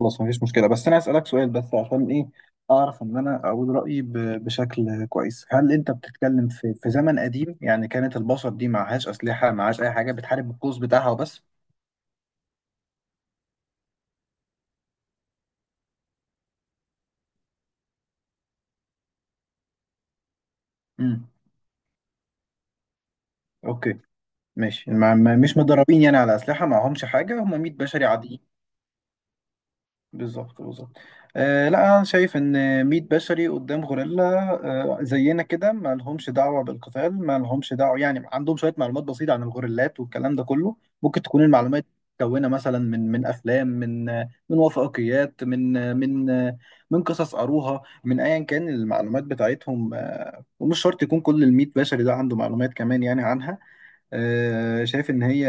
خلاص مفيش مشكلة، بس أنا أسألك سؤال بس عشان إيه أعرف إن أنا أقول رأيي بشكل كويس. هل أنت بتتكلم في زمن قديم؟ يعني كانت البشر دي معهاش أسلحة، معهاش أي حاجة، بتحارب بالقوس بتاعها وبس. امم أوكي ماشي. مش مدربين يعني على أسلحة، معهمش حاجة، هم 100 بشري عاديين. بالظبط، بالظبط. آه لا، انا شايف ان 100 بشري قدام غوريلا آه زينا كده، ما لهمش دعوه بالقتال، ما لهمش دعوه، يعني عندهم شويه معلومات بسيطه عن الغوريلات والكلام ده كله. ممكن تكون المعلومات متكونه مثلا من افلام من وثائقيات من قصص قروها، من ايا كان المعلومات بتاعتهم. آه ومش شرط يكون كل ال 100 بشري ده عنده معلومات كمان يعني عنها. آه شايف ان هي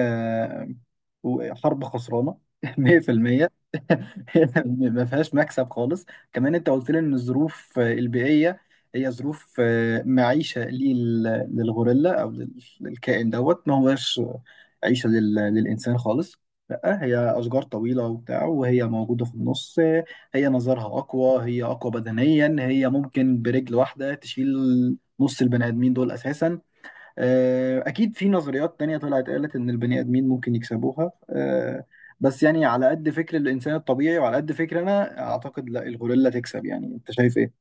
وحرب خسرانه 100%. ما فيهاش مكسب خالص. كمان انت قلت لي ان الظروف البيئيه هي ظروف معيشه للغوريلا او للكائن دوت، ما هوش عيشه للانسان خالص. لا، هي اشجار طويله وبتاع، وهي موجوده في النص، هي نظرها اقوى، هي اقوى بدنيا، هي ممكن برجل واحده تشيل نص البني ادمين دول اساسا. أكيد في نظريات تانية طلعت قالت إن البني آدمين ممكن يكسبوها، بس يعني على قد فكر الإنسان الطبيعي وعلى قد فكر، أنا أعتقد لا، الغوريلا تكسب، يعني أنت شايف إيه؟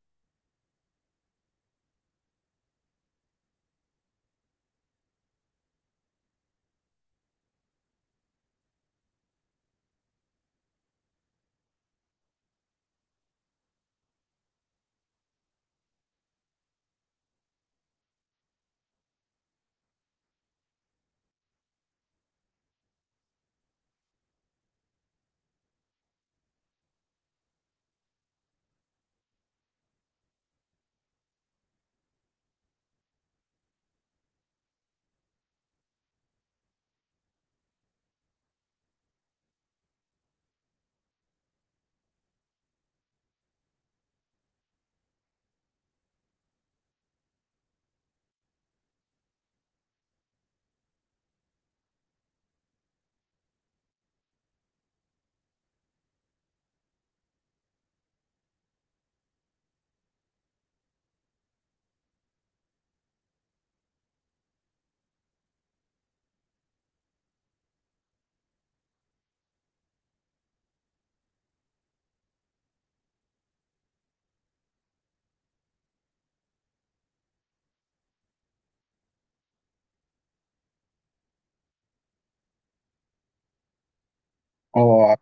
اه.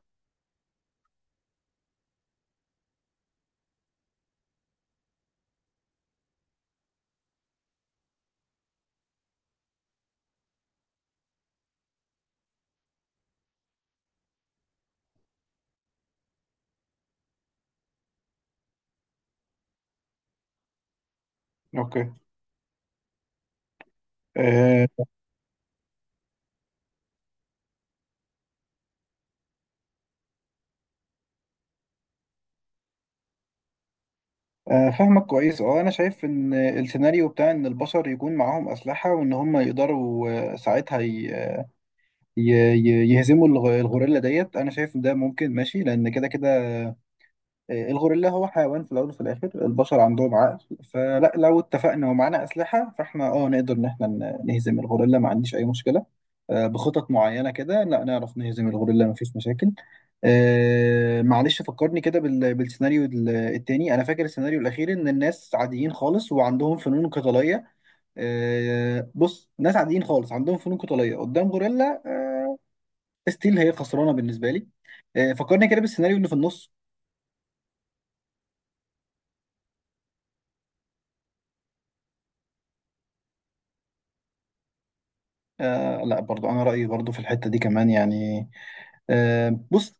اوكي. أه. فاهمك كويس. اه انا شايف ان السيناريو بتاع ان البشر يكون معاهم اسلحه وان هم يقدروا ساعتها ي- يهزموا الغوريلا ديت، انا شايف إن ده ممكن ماشي لان كده كده. الغوريلا هو حيوان في الأول وفي الآخر، البشر عندهم عقل. فلا، لو اتفقنا ومعانا أسلحة فاحنا نقدر إن احنا نهزم الغوريلا، ما عنديش أي مشكلة. بخطط معينة كده لا نعرف نهزم الغوريلا، مفيش مشاكل. معلش، فكرني كده بالسيناريو التاني، أنا فاكر السيناريو الأخير إن الناس عاديين خالص وعندهم فنون قتالية. بص، ناس عاديين خالص عندهم فنون قتالية قدام غوريلا، ستيل هي خسرانة بالنسبة لي. فكرني كده بالسيناريو اللي في النص. آه لا، برضو انا رايي برضو في الحته دي كمان يعني. آه بص،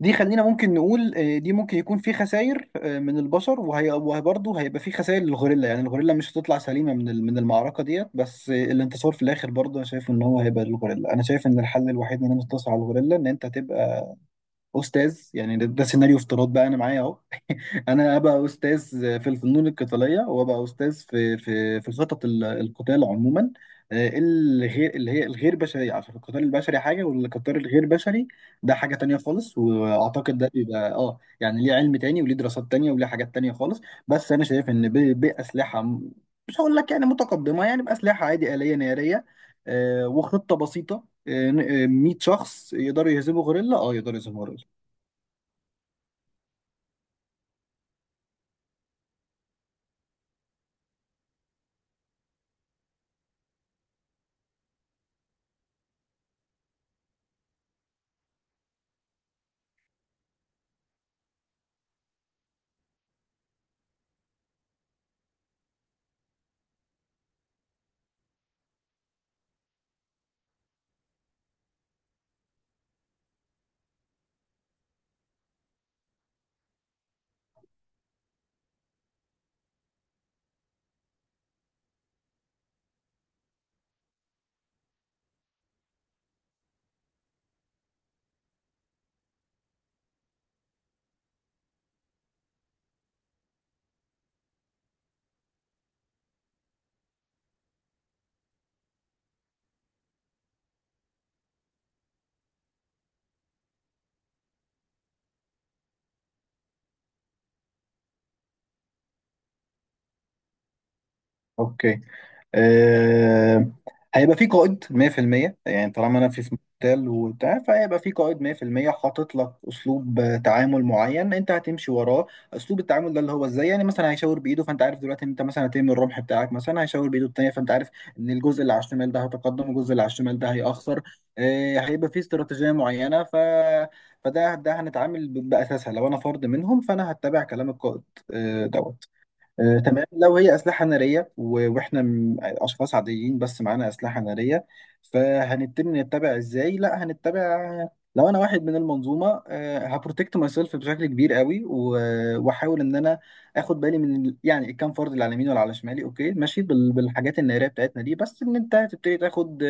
دي خلينا ممكن نقول آه، دي ممكن يكون في خسائر آه من البشر، وهي، وبرضه هيبقى في خسائر للغوريلا، يعني الغوريلا مش هتطلع سليمه من المعركه ديت. بس آه الانتصار في الاخر برضه انا شايف ان هو هيبقى للغوريلا. انا شايف ان الحل الوحيد ان انا انتصر على الغوريلا ان انت تبقى استاذ. يعني ده سيناريو افتراض بقى، انا معايا اهو، انا ابقى استاذ في الفنون القتاليه، وابقى استاذ في خطط القتال عموما. الغير اللي هي الغير بشريه، عشان القتال البشري حاجه والقتال الغير بشري ده حاجه تانية خالص. واعتقد ده بيبقى يعني ليه علم تاني، وليه دراسات تانية، وليه حاجات تانية خالص. بس انا شايف ان باسلحه مش هقول لك يعني متقدمه، يعني باسلحه عادي آليه ناريه، وخطه بسيطه، 100 شخص يقدروا يهزموا غوريلا، يقدروا يهزموا غوريلا. اوكي. آه، هيبقى في قائد 100%. يعني طالما انا في مقتل وبتاع، فهيبقى في قائد 100% حاطط لك اسلوب تعامل معين، انت هتمشي وراه. اسلوب التعامل ده اللي هو ازاي، يعني مثلا هيشاور بايده فانت عارف دلوقتي ان انت مثلا هترمي الرمح بتاعك، مثلا هيشاور بايده التانيه فانت عارف ان الجزء اللي على الشمال ده هيتقدم، والجزء اللي على الشمال ده هيأخر. هيبقى في استراتيجيه معينه. فده هنتعامل باساسها. لو انا فرد منهم فانا هتبع كلام القائد. دوت. تمام. لو هي أسلحة نارية وإحنا أشخاص عاديين بس معانا أسلحة نارية، فهنتم نتبع إزاي؟ لا، هنتبع. لو أنا واحد من المنظومة هبروتكت ماي سيلف بشكل كبير قوي، وأحاول إن أنا آخد بالي يعني الكام فرد اللي على يميني ولا على شمالي. أوكي ماشي بالحاجات النارية بتاعتنا دي، بس إن أنت هتبتدي تاخد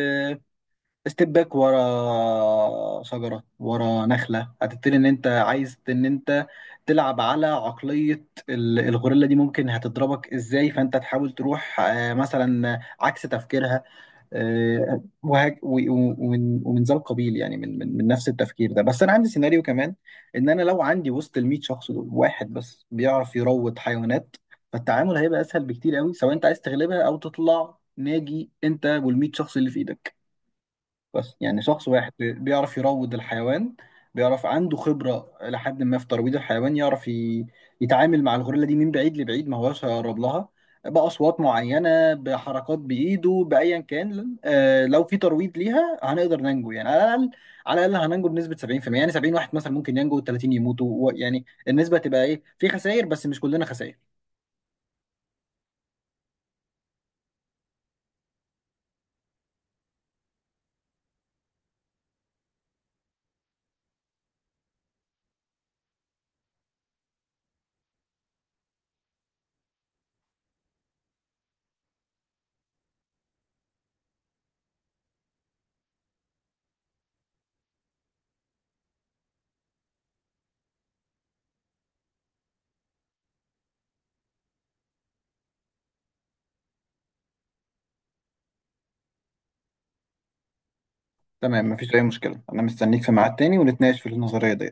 ستيب باك ورا شجرة، ورا نخلة، هتبتدي ان انت عايز ان انت تلعب على عقلية الغوريلا دي ممكن هتضربك ازاي، فانت تحاول تروح مثلا عكس تفكيرها. ومن ذا القبيل، يعني من نفس التفكير ده. بس انا عندي سيناريو كمان ان انا لو عندي وسط ال 100 شخص دول واحد بس بيعرف يروض حيوانات، فالتعامل هيبقى اسهل بكتير قوي، سواء انت عايز تغلبها او تطلع ناجي انت وال 100 شخص اللي في ايدك. بس يعني شخص واحد بيعرف يروض الحيوان، بيعرف عنده خبرة إلى حد ما في ترويض الحيوان، يعرف يتعامل مع الغوريلا دي من بعيد لبعيد، ما هوش هيقرب لها، بأصوات معينة، بحركات بإيده، بأيا كان. لو في ترويض ليها هنقدر ننجو، يعني على الأقل، على الأقل هننجو بنسبة 70%، يعني 70 واحد مثلا ممكن ينجو و30 يموتوا يعني النسبة تبقى إيه في خسائر، بس مش كلنا خسائر. تمام، مفيش أي مشكلة، أنا مستنيك في ميعاد تاني ونتناقش في النظرية دي.